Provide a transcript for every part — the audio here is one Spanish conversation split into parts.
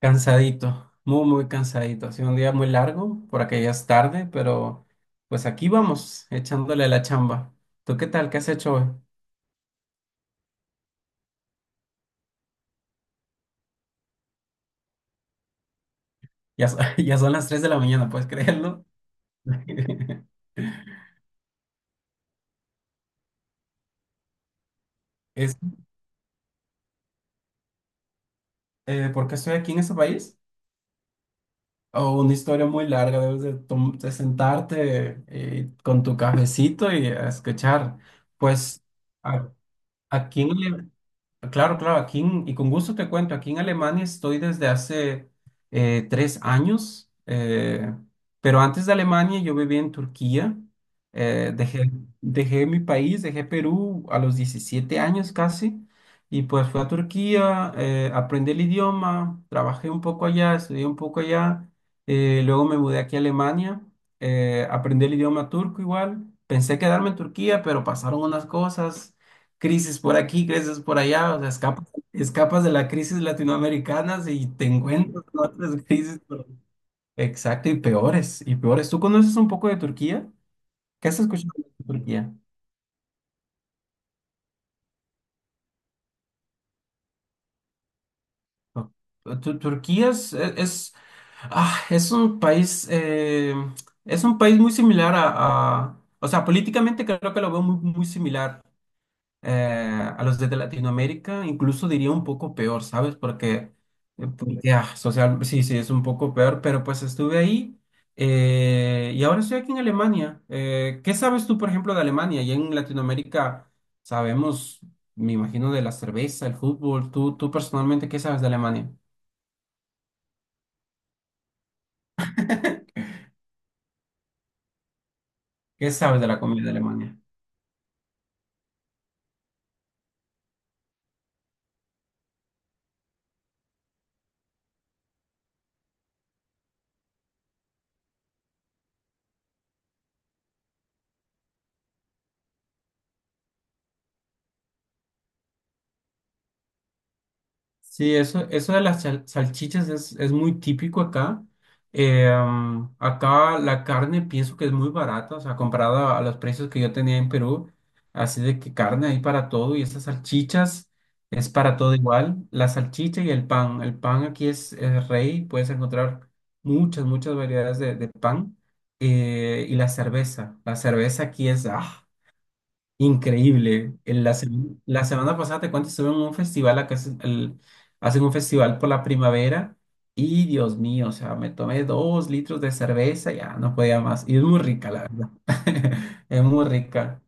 Cansadito, muy, muy cansadito. Ha sido un día muy largo, por acá ya es tarde, pero pues aquí vamos, echándole la chamba. ¿Tú qué tal? ¿Qué has hecho hoy? Ya son las 3 de la mañana, ¿puedes creerlo? Es, ¿Por qué estoy aquí en este país? O una historia muy larga, debes de sentarte con tu cafecito y a escuchar. Pues a- aquí en el- Claro, claro, y con gusto te cuento, aquí en Alemania estoy desde hace 3 años, pero antes de Alemania yo vivía en Turquía, eh, dejé, dejé mi país, dejé Perú a los 17 años casi, y pues fui a Turquía, aprendí el idioma, trabajé un poco allá, estudié un poco allá, luego me mudé aquí a Alemania, aprendí el idioma turco igual, pensé quedarme en Turquía, pero pasaron unas cosas crisis por aquí, crisis por allá, o sea, escapas de la crisis latinoamericana y te encuentras con otras crisis. Exacto, y peores, y peores. ¿Tú conoces un poco de Turquía? ¿Qué has escuchado de Turquía? No. Turquía es, e, es, ah, es un país muy similar a, o sea, políticamente creo que lo veo muy, muy similar a los de Latinoamérica, incluso diría un poco peor, ¿sabes? Porque social, sí, sí, es un poco peor, pero pues estuve ahí y ahora estoy aquí en Alemania. ¿Qué sabes tú, por ejemplo, de Alemania? Y en Latinoamérica sabemos, me imagino, de la cerveza, el fútbol. ¿Tú personalmente, qué sabes de Alemania? ¿Qué sabes de la comida de Alemania? Sí, eso de las salchichas es muy típico acá. Acá la carne pienso que es muy barata, o sea, comparada a los precios que yo tenía en Perú. Así de que carne hay para todo y esas salchichas es para todo igual. La salchicha y el pan. El pan aquí es rey, puedes encontrar muchas, muchas variedades de pan. Y la cerveza. La cerveza aquí es, ¡ah! Increíble. La semana pasada, te cuento, estuve en un festival. Hacen un festival por la primavera y Dios mío, o sea, me tomé 2 litros de cerveza, ya no podía más. Y es muy rica, la verdad. Es muy rica.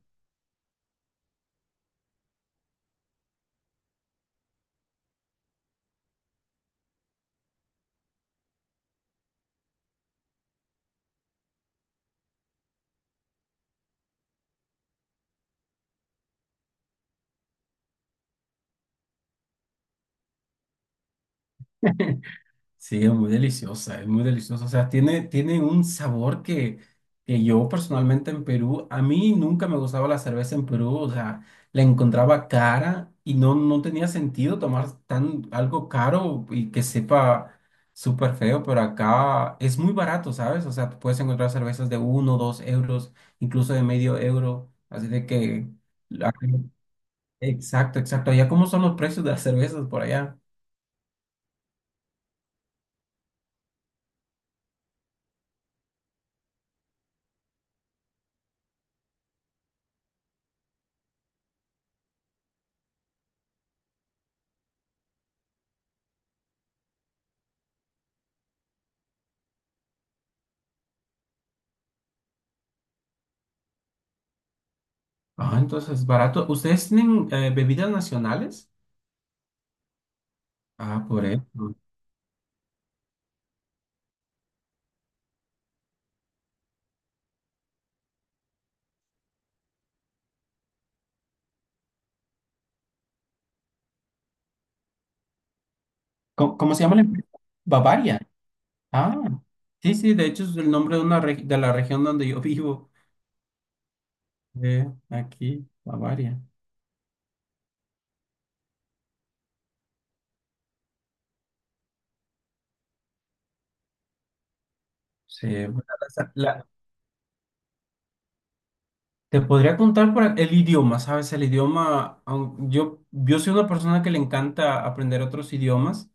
Sí, es muy deliciosa, es muy deliciosa. O sea, tiene un sabor que yo personalmente en Perú, a mí nunca me gustaba la cerveza en Perú. O sea, la encontraba cara y no tenía sentido tomar tan algo caro y que sepa súper feo, pero acá es muy barato, ¿sabes? O sea, tú puedes encontrar cervezas de uno, 2 euros, incluso de medio euro. Así de que. la- Exacto, exacto. Allá, ¿cómo son los precios de las cervezas por allá? Ah, entonces, barato. ¿Ustedes tienen bebidas nacionales? Ah, por eso. ¿Cómo se llama la empresa? Bavaria. Ah, sí, sí, de hecho es el nombre de de la región donde yo vivo, aquí, Bavaria. Sí, bueno, la, Te podría contar por el idioma, ¿sabes? El idioma, yo soy una persona que le encanta aprender otros idiomas.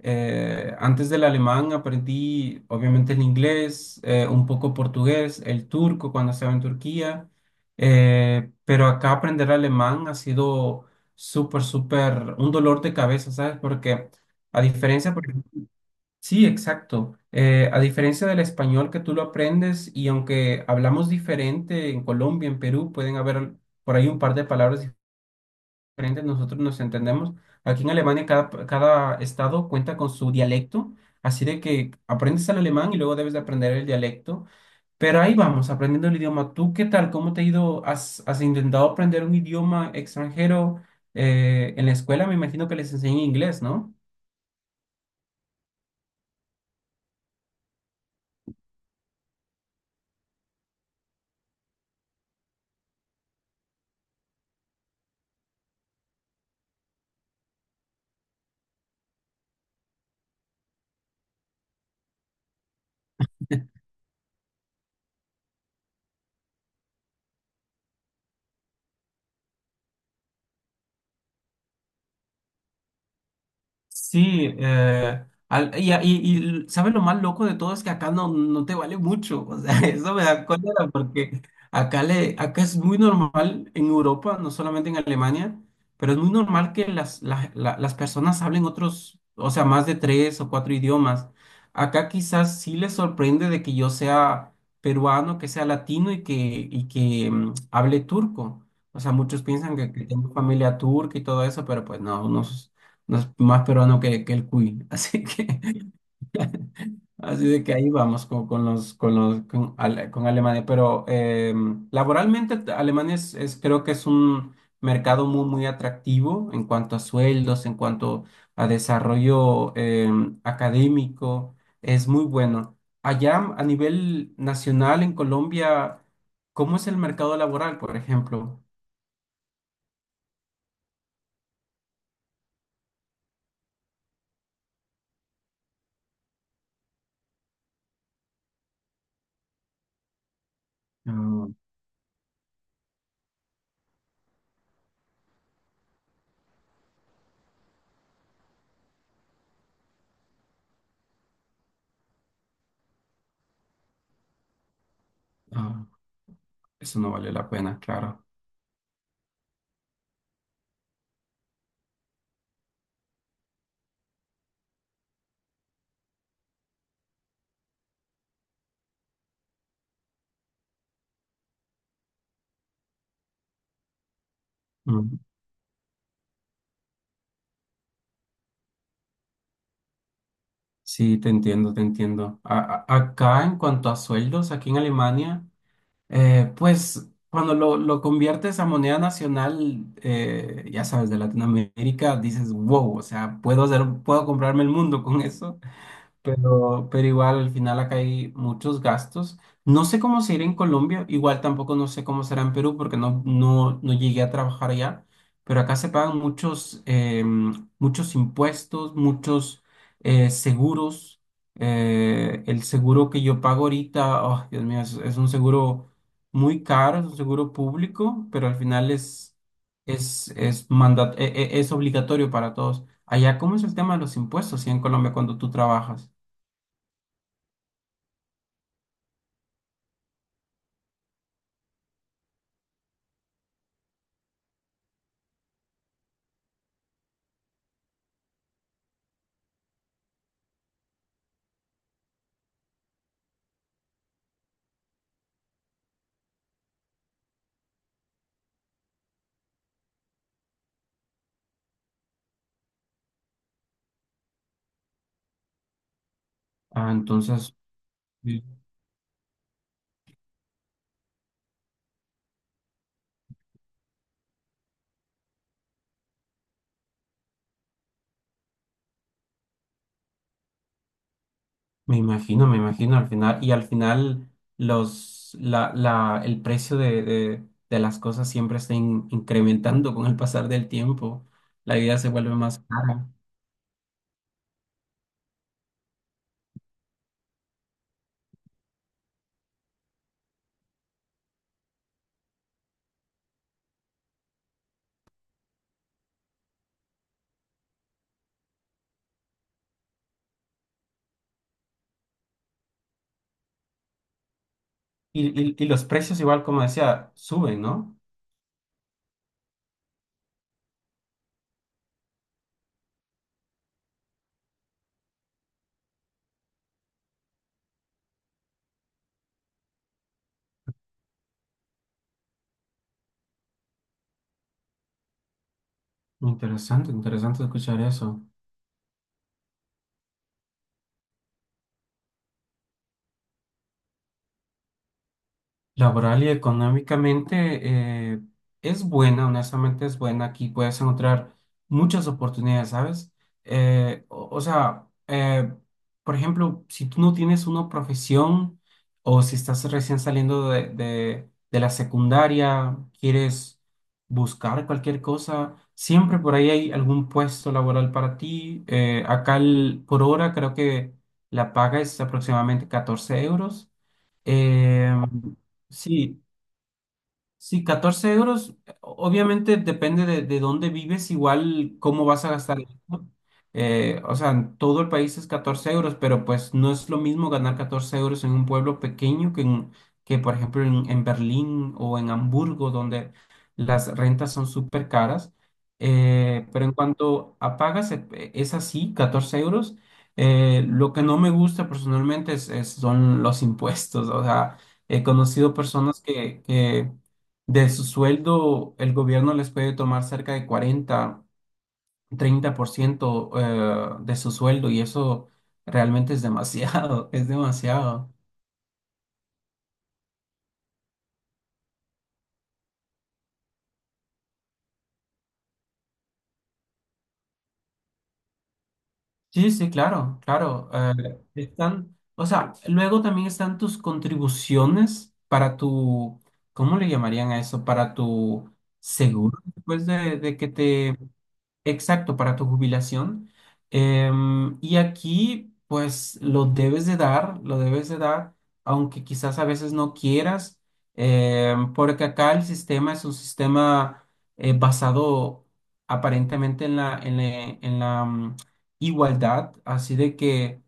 Antes del alemán aprendí, obviamente, el inglés, un poco portugués, el turco cuando estaba en Turquía. Pero acá aprender alemán ha sido súper, súper un dolor de cabeza, ¿sabes? Porque a diferencia, por sí, exacto. A diferencia del español que tú lo aprendes y aunque hablamos diferente en Colombia, en Perú, pueden haber por ahí un par de palabras diferentes, nosotros nos entendemos. Aquí en Alemania cada estado cuenta con su dialecto, así de que aprendes el alemán y luego debes de aprender el dialecto. Pero ahí vamos, aprendiendo el idioma. ¿Tú qué tal? ¿Cómo te ha ido? ¿Has intentado aprender un idioma extranjero? En la escuela me imagino que les enseñan inglés, ¿no? Sí, y ¿sabes lo más loco de todo? Es que acá no te vale mucho, o sea, eso me da cólera porque acá es muy normal en Europa, no solamente en Alemania, pero es muy normal que las personas hablen otros, o sea, más de tres o cuatro idiomas. Acá quizás sí les sorprende de que yo sea peruano, que sea latino y que hable turco. O sea, muchos piensan que tengo familia turca y todo eso, pero pues no, no es más peruano que el cuy. Así que, así de que ahí vamos con Alemania. Pero laboralmente Alemania es, creo que es un mercado muy, muy atractivo en cuanto a sueldos, en cuanto a desarrollo académico. Es muy bueno. Allá a nivel nacional en Colombia, ¿cómo es el mercado laboral, por ejemplo? Ah, ah, eso no vale la pena, claro. Sí, te entiendo, te entiendo. Acá en cuanto a sueldos, aquí en Alemania, pues cuando lo conviertes a moneda nacional, ya sabes, de Latinoamérica, dices, wow, o sea, puedo comprarme el mundo con eso. Pero igual al final acá hay muchos gastos. No sé cómo será en Colombia, igual tampoco no sé cómo será en Perú porque no llegué a trabajar allá, pero acá se pagan muchos, muchos impuestos, muchos seguros. El seguro que yo pago ahorita, oh, Dios mío, es un seguro muy caro, es un seguro público, pero al final es, mandat- e- e- es obligatorio para todos. Allá, ¿cómo es el tema de los impuestos, sí, en Colombia cuando tú trabajas? Ah, entonces, sí, me imagino al final, y al final el precio de las cosas siempre está incrementando con el pasar del tiempo, la vida se vuelve más cara. Y los precios igual, como decía, suben, ¿no? Interesante, interesante escuchar eso. Laboral y económicamente es buena, honestamente es buena. Aquí puedes encontrar muchas oportunidades, ¿sabes? O sea, por ejemplo, si tú no tienes una profesión o si estás recién saliendo de la secundaria, quieres buscar cualquier cosa, siempre por ahí hay algún puesto laboral para ti. Acá por hora creo que la paga es aproximadamente 14 euros. Em, Sí, sí, 14 euros, obviamente depende de dónde vives, igual cómo vas a gastar el dinero. O sea, en todo el país es 14 euros, pero pues no es lo mismo ganar 14 euros en un pueblo pequeño que por ejemplo, en Berlín o en Hamburgo, donde las rentas son súper caras. Pero en cuanto a pagas, es así, 14 euros. Lo que no me gusta personalmente son los impuestos. O sea, he conocido personas que de su sueldo, el gobierno les puede tomar cerca de 40, 30% de su sueldo y eso realmente es demasiado, es demasiado. Sí, sí, claro, claro. Están, o sea, luego también están tus contribuciones para tu, ¿cómo le llamarían a eso? Para tu seguro, después de que te. Exacto, para tu jubilación. Y aquí, pues, lo debes de dar, lo debes de dar, aunque quizás a veces no quieras, porque acá el sistema es un sistema basado aparentemente en la igualdad, así de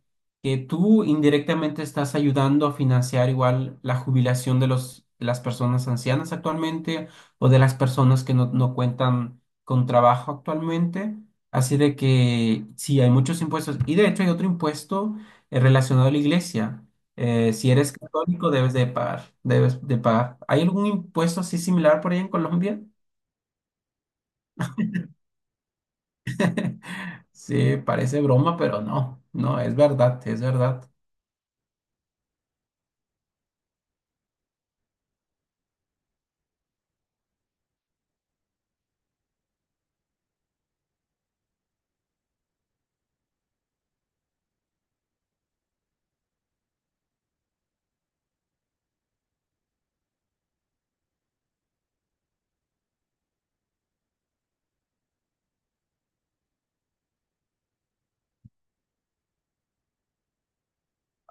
que tú indirectamente estás ayudando a financiar igual la jubilación de las personas ancianas actualmente o de las personas que no cuentan con trabajo actualmente, así de que sí, hay muchos impuestos. Y de hecho hay otro impuesto relacionado a la iglesia. Si eres católico, debes de pagar, debes de pagar. ¿Hay algún impuesto así similar por ahí en Colombia? Sí, parece broma, pero no, no, es verdad, es verdad.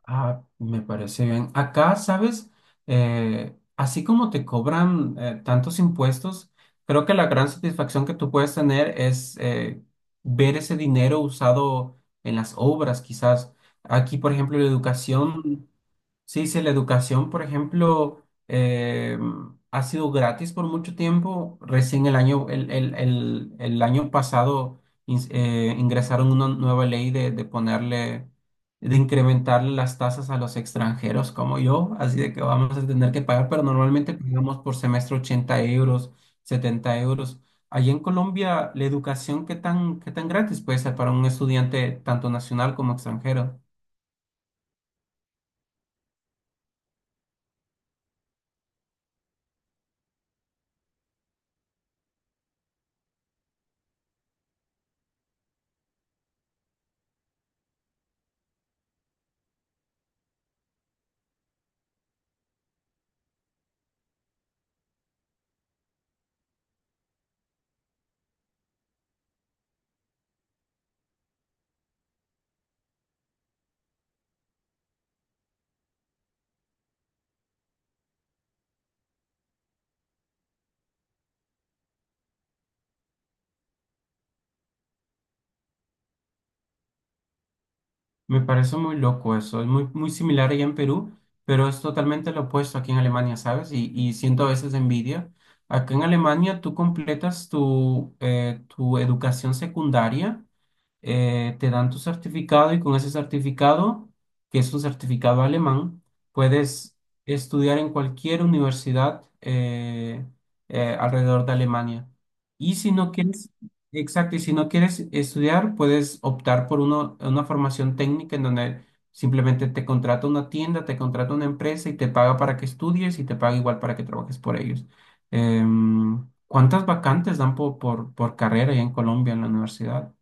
Ah, me parece bien. Acá, ¿sabes? Así como te cobran tantos impuestos, creo que la gran satisfacción que tú puedes tener es ver ese dinero usado en las obras, quizás. Aquí, por ejemplo, la educación, sí, sí, la educación, por ejemplo, eh, ha sido gratis por mucho tiempo. Recién el año pasado ingresaron una nueva ley de ponerle de incrementar las tasas a los extranjeros como yo, así de que vamos a tener que pagar, pero normalmente pagamos por semestre 80 euros, 70 euros. Allí en Colombia, ¿la educación qué tan gratis puede ser para un estudiante tanto nacional como extranjero? Me parece muy loco eso, es muy, muy similar allá en Perú, pero es totalmente lo opuesto aquí en Alemania, ¿sabes? Y siento a veces envidia. Acá en Alemania tú completas tu educación secundaria te dan tu certificado y con ese certificado, que es un certificado alemán, puedes estudiar en cualquier universidad alrededor de Alemania. Y si no quieres, exacto, y si no quieres estudiar, puedes optar por una formación técnica en donde simplemente te contrata una tienda, te contrata una empresa y te paga para que estudies y te paga igual para que trabajes por ellos. ¿Cuántas vacantes dan por carrera ahí en Colombia en la universidad?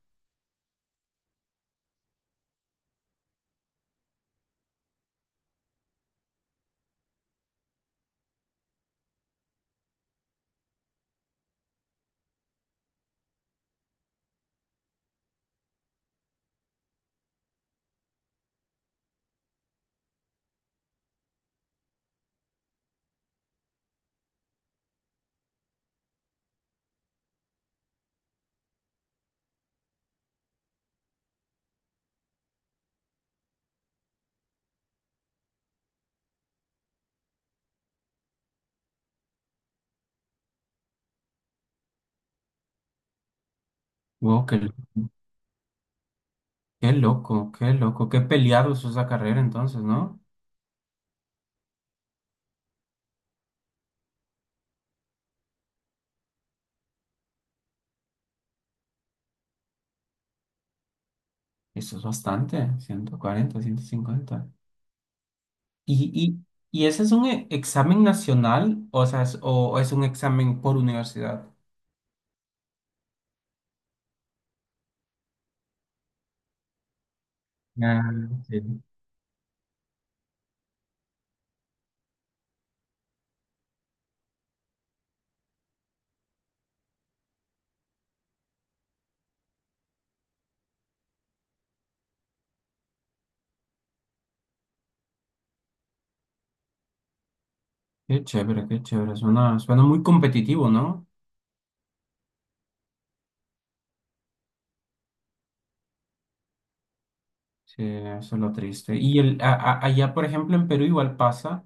Wow, qué loco, qué loco, qué peleado es esa carrera entonces, ¿no? Eso es bastante, 140, 150. ¿Y, y ese es un examen nacional o sea, o es un examen por universidad? Ah, sí. Qué chévere, suena muy competitivo, ¿no? Sí, eso es lo triste. Y allá, por ejemplo, en Perú igual pasa.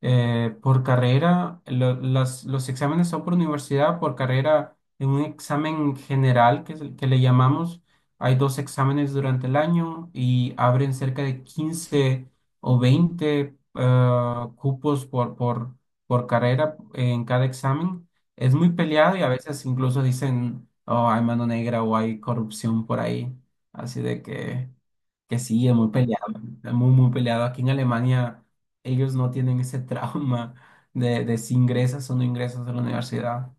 Por carrera, los exámenes son por universidad, por carrera, en un examen general que, es el que le llamamos, hay dos exámenes durante el año y abren cerca de 15 o 20 cupos por carrera en cada examen. Es muy peleado y a veces incluso dicen, oh, hay mano negra o hay corrupción por ahí. Así de que. Que sí, es muy peleado, es muy, muy peleado. Aquí en Alemania ellos no tienen ese trauma de si ingresas o no ingresas a la universidad.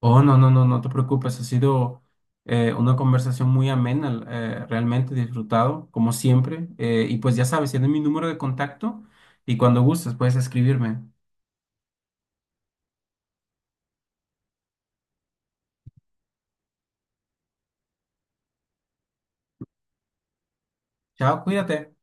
Oh, no, no, no, no te preocupes, ha sido una conversación muy amena, realmente disfrutado, como siempre. Y pues ya sabes, tienes mi número de contacto y cuando gustes puedes escribirme. Chao, cuídate.